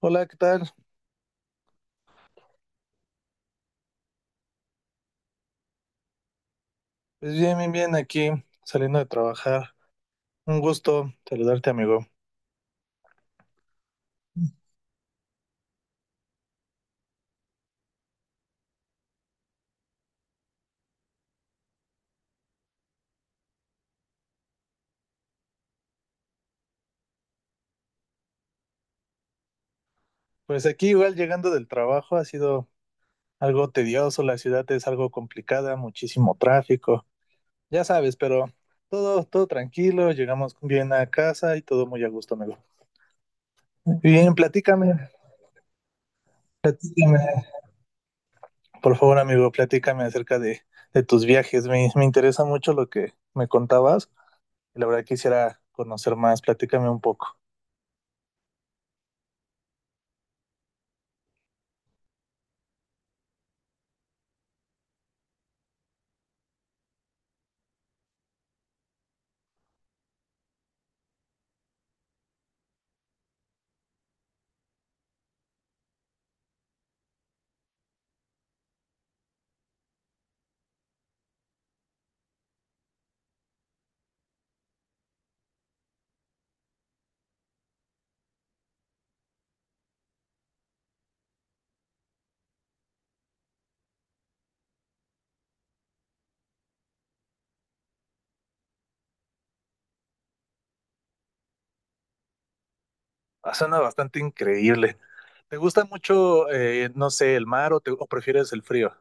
Hola, ¿qué tal? Pues bien, bien, bien, aquí saliendo de trabajar. Un gusto saludarte, amigo. Pues aquí igual llegando del trabajo ha sido algo tedioso, la ciudad es algo complicada, muchísimo tráfico, ya sabes, pero todo, todo tranquilo, llegamos bien a casa y todo muy a gusto, amigo. Bien, platícame, platícame, por favor, amigo, platícame acerca de tus viajes. Me interesa mucho lo que me contabas y la verdad quisiera conocer más, platícame un poco. Suena bastante increíble. ¿Te gusta mucho, no sé, el mar o o prefieres el frío?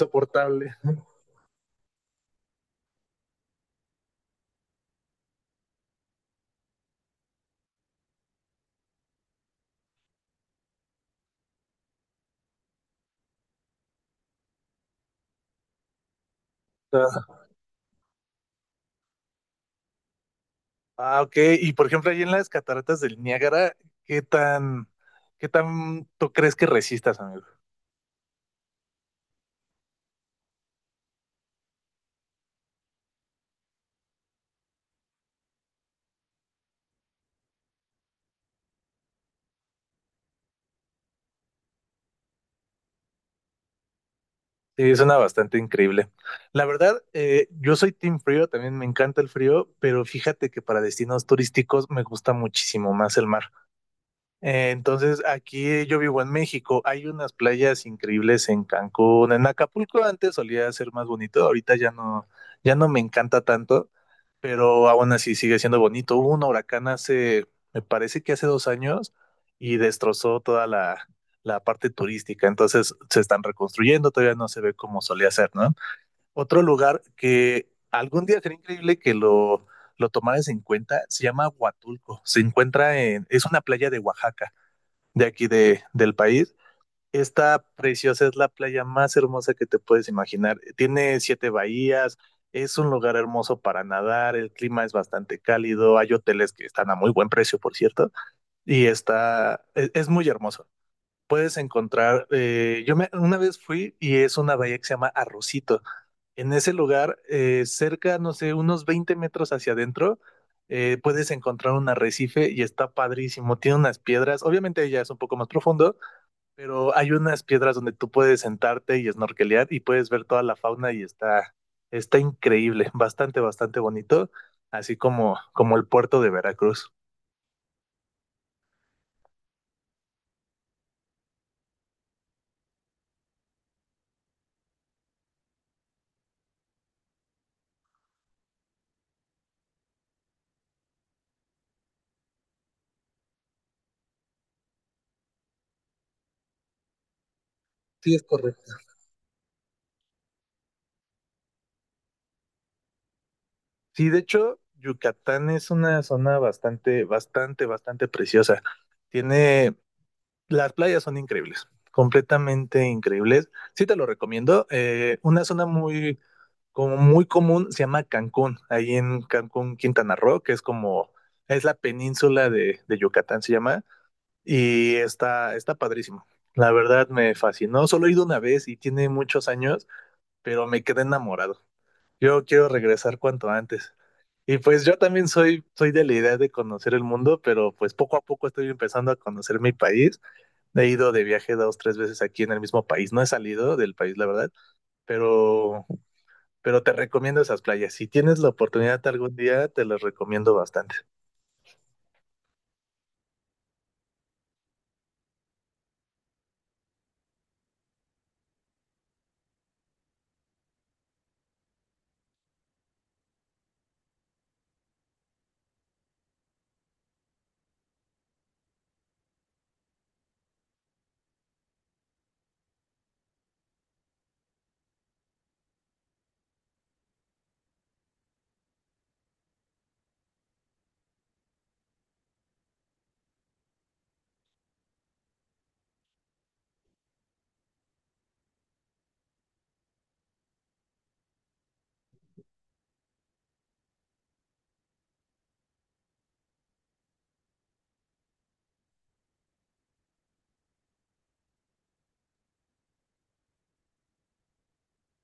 Soportable. Ah, ok. Y por ejemplo, ahí en las cataratas del Niágara, ¿qué tan, qué tan tú crees que resistas, amigo? Sí, suena bastante increíble. La verdad, yo soy team frío, también me encanta el frío, pero fíjate que para destinos turísticos me gusta muchísimo más el mar. Entonces, aquí yo vivo en México, hay unas playas increíbles en Cancún. En Acapulco antes solía ser más bonito, ahorita ya no, ya no me encanta tanto, pero aún así sigue siendo bonito. Hubo un huracán hace, me parece que hace 2 años, y destrozó toda la parte turística, entonces se están reconstruyendo, todavía no se ve como solía ser, ¿no? Otro lugar que algún día sería increíble que lo tomaras en cuenta, se llama Huatulco, se encuentra en, es una playa de Oaxaca de aquí de, del país. Está preciosa, es la playa más hermosa que te puedes imaginar. Tiene siete bahías, es un lugar hermoso para nadar, el clima es bastante cálido, hay hoteles que están a muy buen precio, por cierto, y está, es muy hermoso. Puedes encontrar, yo me, una vez fui y es una bahía que se llama Arrocito. En ese lugar, cerca, no sé, unos 20 metros hacia adentro, puedes encontrar un arrecife y está padrísimo. Tiene unas piedras, obviamente ya es un poco más profundo, pero hay unas piedras donde tú puedes sentarte y snorkelear y puedes ver toda la fauna y está, está increíble, bastante, bastante bonito, así como, como el puerto de Veracruz. Sí, es correcto. Sí, de hecho, Yucatán es una zona bastante, bastante, bastante preciosa. Tiene. Las playas son increíbles, completamente increíbles. Sí te lo recomiendo. Una zona muy, como muy común se llama Cancún, ahí en Cancún, Quintana Roo, que es como, es la península de Yucatán, se llama, y está, está padrísimo. La verdad me fascinó. Solo he ido una vez y tiene muchos años, pero me quedé enamorado. Yo quiero regresar cuanto antes. Y pues yo también soy, soy de la idea de conocer el mundo, pero pues poco a poco estoy empezando a conocer mi país. He ido de viaje dos, tres veces aquí en el mismo país. No he salido del país, la verdad, pero, pero te recomiendo esas playas. Si tienes la oportunidad algún día, te las recomiendo bastante.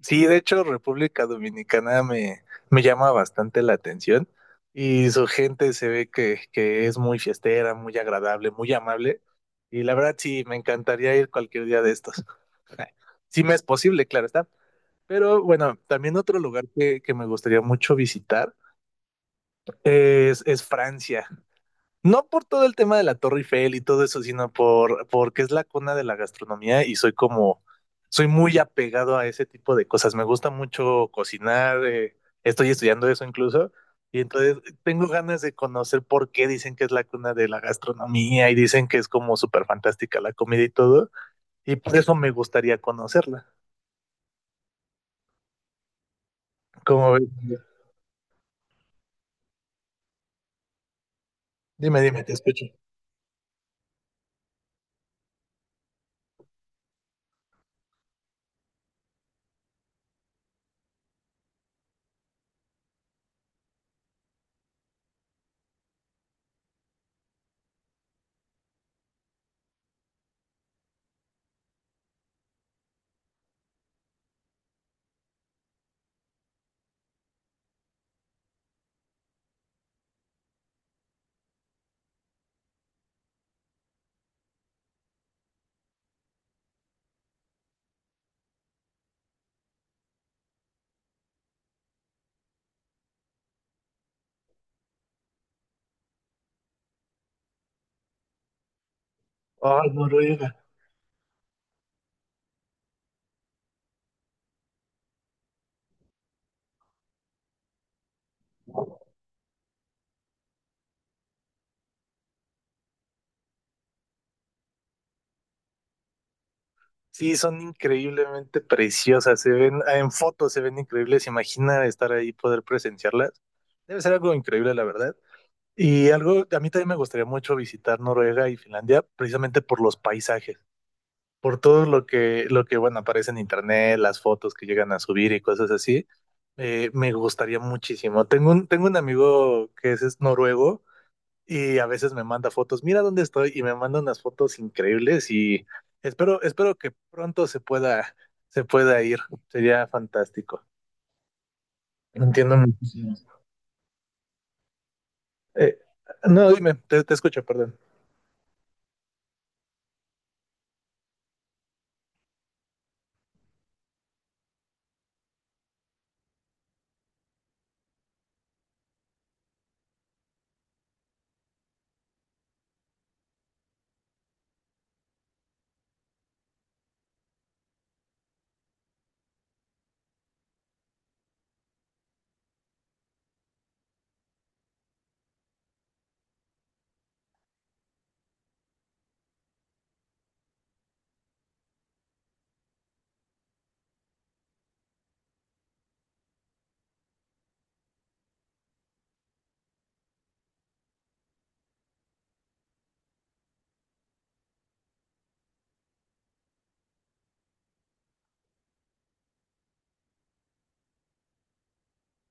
Sí, de hecho, República Dominicana me llama bastante la atención y su gente se ve que es muy fiestera, muy agradable, muy amable. Y la verdad, sí, me encantaría ir cualquier día de estos. Sí, me es posible, claro está. Pero bueno, también otro lugar que me gustaría mucho visitar es Francia. No por todo el tema de la Torre Eiffel y todo eso, sino por porque es la cuna de la gastronomía y soy como, soy muy apegado a ese tipo de cosas. Me gusta mucho cocinar, estoy estudiando eso incluso, y entonces tengo ganas de conocer por qué dicen que es la cuna de la gastronomía y dicen que es como súper fantástica la comida y todo, y por eso me gustaría conocerla. Como, ves, dime, dime, te escucho. Ay, Noruega. Sí, son increíblemente preciosas, se ven ah, en fotos, se ven increíbles. Imagina estar ahí, poder presenciarlas. Debe ser algo increíble, la verdad. Y algo, a mí también me gustaría mucho visitar Noruega y Finlandia, precisamente por los paisajes, por todo lo que, bueno, aparece en internet, las fotos que llegan a subir y cosas así. Me gustaría muchísimo. Tengo un amigo que es noruego y a veces me manda fotos, mira dónde estoy, y me manda unas fotos increíbles y espero, espero que pronto se pueda ir, sería fantástico. Entiendo muchísimo. Eh, no, dime, te escucho, perdón.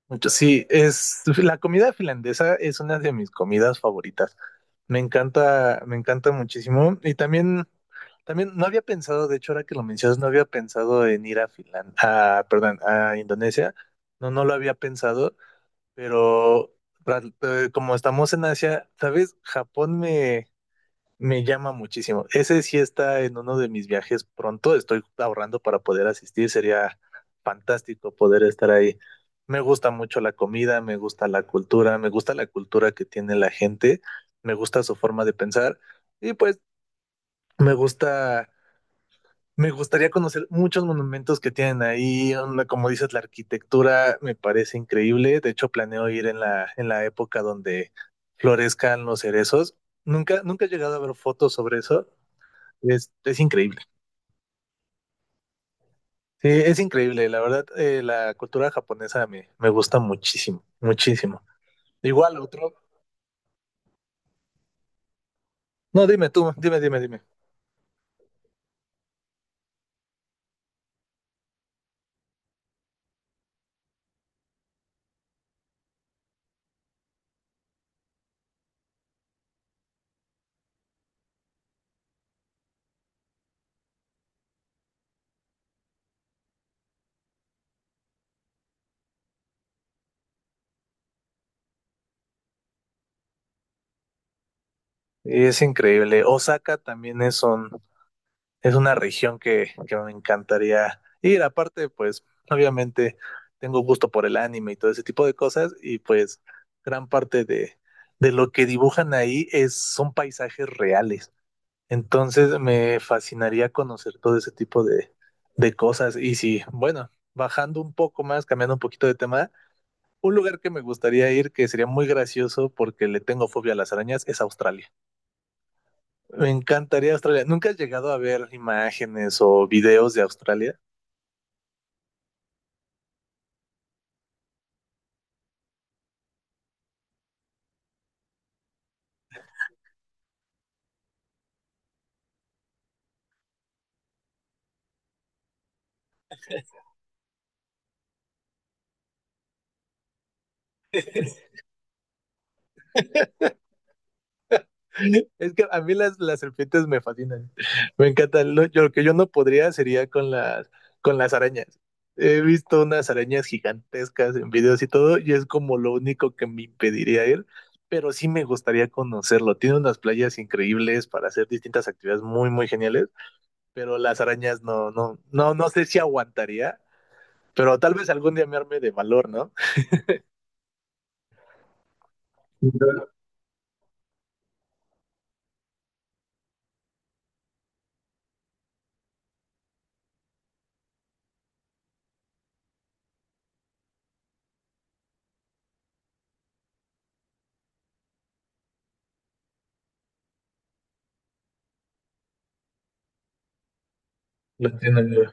Mucho, sí, es la comida finlandesa es una de mis comidas favoritas. Me encanta muchísimo. Y también, también no había pensado, de hecho, ahora que lo mencionas, no había pensado en ir a Finlandia, perdón, a Indonesia. No, no lo había pensado. Pero como estamos en Asia, ¿sabes? Japón me llama muchísimo. Ese sí está en uno de mis viajes pronto. Estoy ahorrando para poder asistir. Sería fantástico poder estar ahí. Me gusta mucho la comida, me gusta la cultura, me gusta la cultura que tiene la gente, me gusta su forma de pensar y pues me gusta, me gustaría conocer muchos monumentos que tienen ahí, una- como dices, la arquitectura me parece increíble. De hecho, planeo ir en en la época donde florezcan los cerezos. Nunca, nunca he llegado a ver fotos sobre eso. Es increíble. Sí, es increíble. La verdad, la cultura japonesa me gusta muchísimo, muchísimo. Igual otro. No, dime tú, dime, dime, dime. Es increíble. Osaka también es un, es una región que me encantaría ir. Aparte, pues obviamente tengo gusto por el anime y todo ese tipo de cosas y pues gran parte de lo que dibujan ahí es, son paisajes reales. Entonces me fascinaría conocer todo ese tipo de cosas. Y si, bueno, bajando un poco más, cambiando un poquito de tema, un lugar que me gustaría ir que sería muy gracioso porque le tengo fobia a las arañas es Australia. Me encantaría Australia. ¿Nunca has llegado a ver imágenes o videos de Australia? Es que a mí las serpientes me fascinan. Me encantan. Lo que yo no podría sería con con las arañas. He visto unas arañas gigantescas en videos y todo, y es como lo único que me impediría ir, pero sí me gustaría conocerlo. Tiene unas playas increíbles para hacer distintas actividades muy, muy geniales, pero las arañas no, no, no, no sé si aguantaría, pero tal vez algún día me arme de valor, ¿no? Lo entiendo, amigo.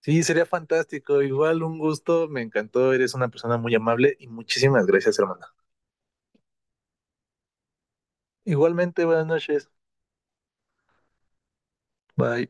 Sí, sería fantástico. Igual un gusto, me encantó. Eres una persona muy amable y muchísimas gracias, hermana. Igualmente, buenas noches. Bye.